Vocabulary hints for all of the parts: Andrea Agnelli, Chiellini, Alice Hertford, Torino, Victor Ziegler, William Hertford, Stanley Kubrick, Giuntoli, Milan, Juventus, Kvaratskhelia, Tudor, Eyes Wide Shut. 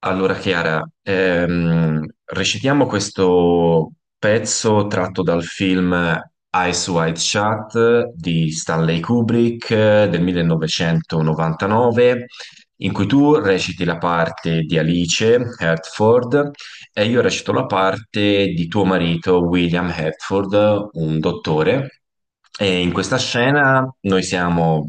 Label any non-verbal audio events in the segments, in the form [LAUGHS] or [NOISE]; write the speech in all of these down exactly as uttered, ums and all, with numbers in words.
Allora, Chiara, ehm, recitiamo questo pezzo tratto dal film Eyes Wide Shut di Stanley Kubrick, eh, del millenovecentonovantanove, in cui tu reciti la parte di Alice Hertford e io recito la parte di tuo marito William Hertford, un dottore. E in questa scena noi siamo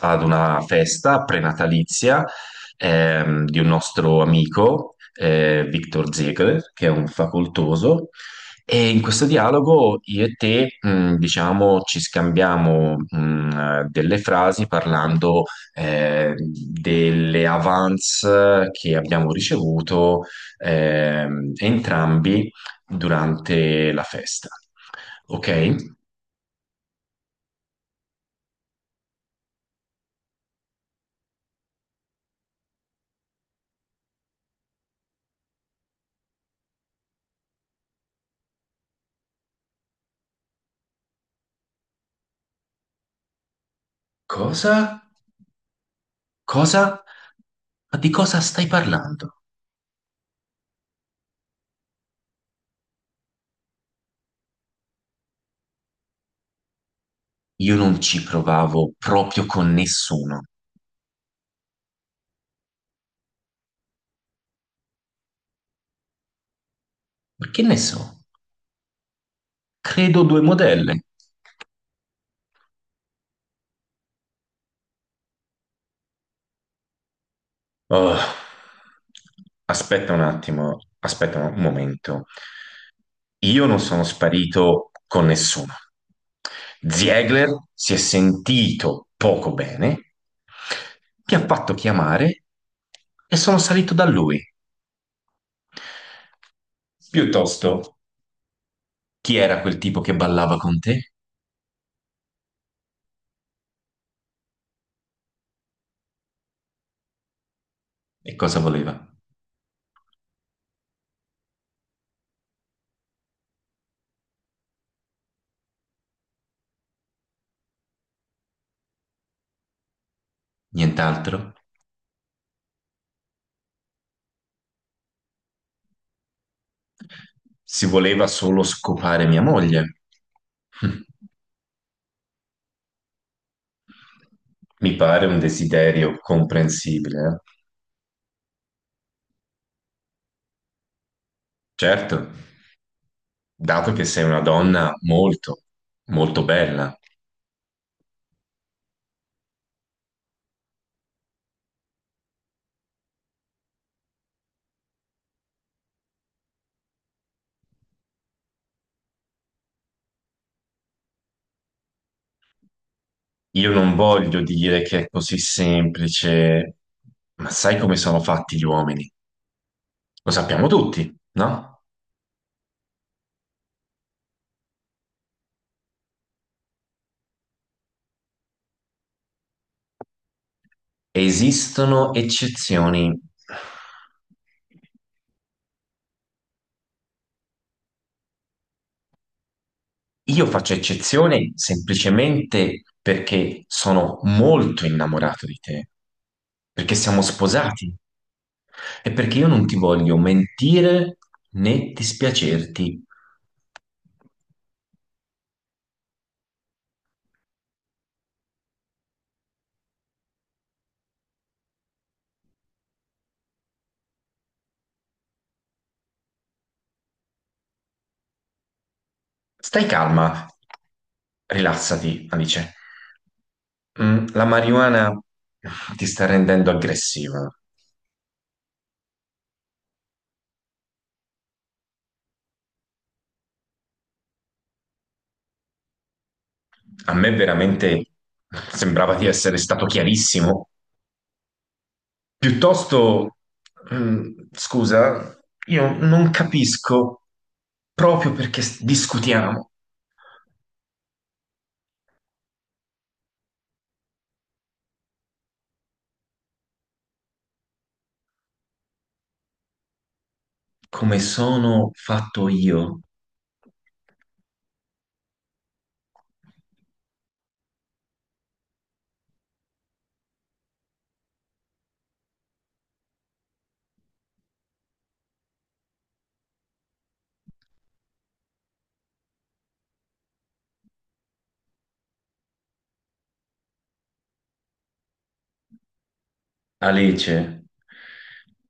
ad una festa prenatalizia ehm, di un nostro amico, eh, Victor Ziegler, che è un facoltoso, e in questo dialogo io e te, mh, diciamo, ci scambiamo, mh, delle frasi parlando, eh, delle avance che abbiamo ricevuto, ehm, entrambi durante la festa. Ok? Cosa? Cosa? Ma di cosa stai parlando? Io non ci provavo proprio con nessuno. Ma che ne so? Credo due modelle. Oh, aspetta un attimo, aspetta un momento. Io non sono sparito con nessuno. Ziegler si è sentito poco bene, mi ha fatto chiamare e sono salito da lui. Piuttosto, chi era quel tipo che ballava con te? E cosa voleva? Nient'altro? Si voleva solo scopare mia moglie. [LAUGHS] Mi pare un desiderio comprensibile, eh. Certo, dato che sei una donna molto, molto bella. Io non voglio dire che è così semplice, ma sai come sono fatti gli uomini? Lo sappiamo tutti, no? Esistono eccezioni. Io faccio eccezione semplicemente perché sono molto innamorato di te, perché siamo sposati e perché io non ti voglio mentire né dispiacerti. Stai calma, rilassati, Alice. Mm, la marijuana ti sta rendendo aggressiva. A me veramente sembrava di essere stato chiarissimo. Piuttosto, mm, scusa, io non capisco proprio perché s- discutiamo come sono fatto io. Alice,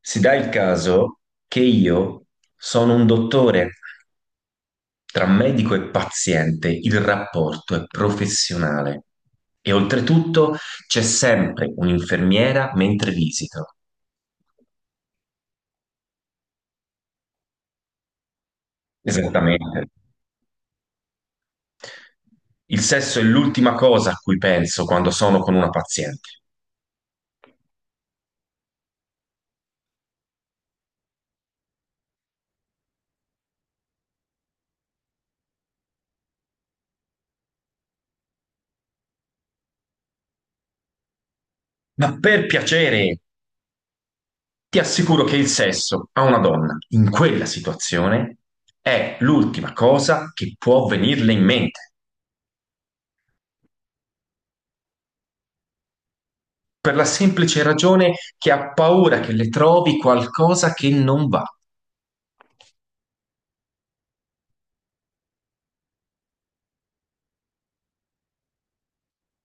si dà il caso che io sono un dottore, tra medico e paziente il rapporto è professionale e oltretutto c'è sempre un'infermiera mentre visito. Esattamente. Il sesso è l'ultima cosa a cui penso quando sono con una paziente. Ma per piacere! Ti assicuro che il sesso a una donna in quella situazione è l'ultima cosa che può venirle in mente, per la semplice ragione che ha paura che le trovi qualcosa che non va.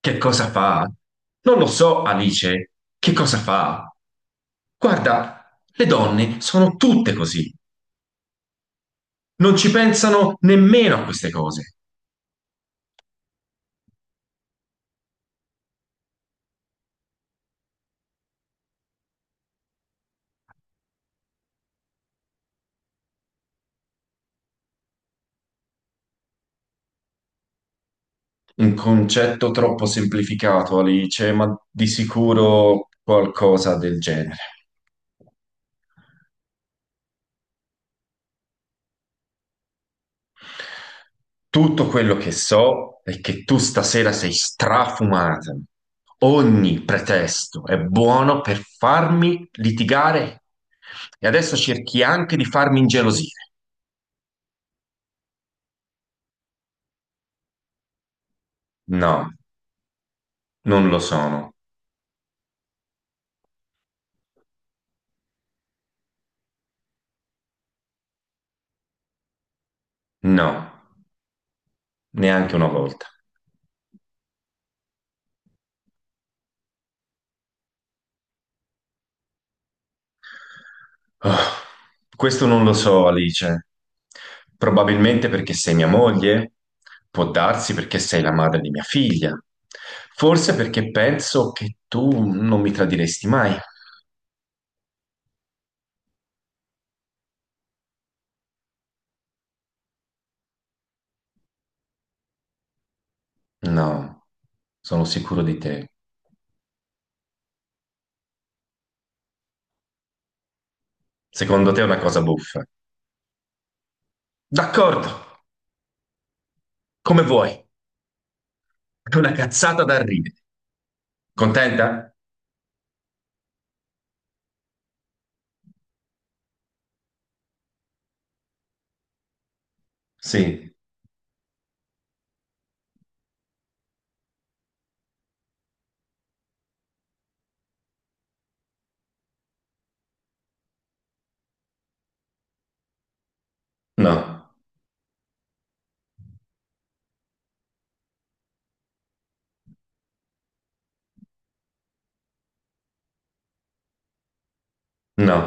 Che cosa fa? Non lo so, Alice. Che cosa fa? Guarda, le donne sono tutte così. Non ci pensano nemmeno a queste cose. Un concetto troppo semplificato, Alice, ma di sicuro qualcosa del genere. Tutto quello che so è che tu stasera sei strafumata. Ogni pretesto è buono per farmi litigare e adesso cerchi anche di farmi ingelosire. No, non lo sono. No, neanche una volta. Oh, questo non lo so, Alice. Probabilmente perché sei mia moglie, può darsi perché sei la madre di mia figlia, forse perché penso che tu non mi tradiresti mai. No, sono sicuro di te. Secondo te è una cosa buffa. D'accordo, come vuoi. È una cazzata da ridere. Contenta? Sì. No, no.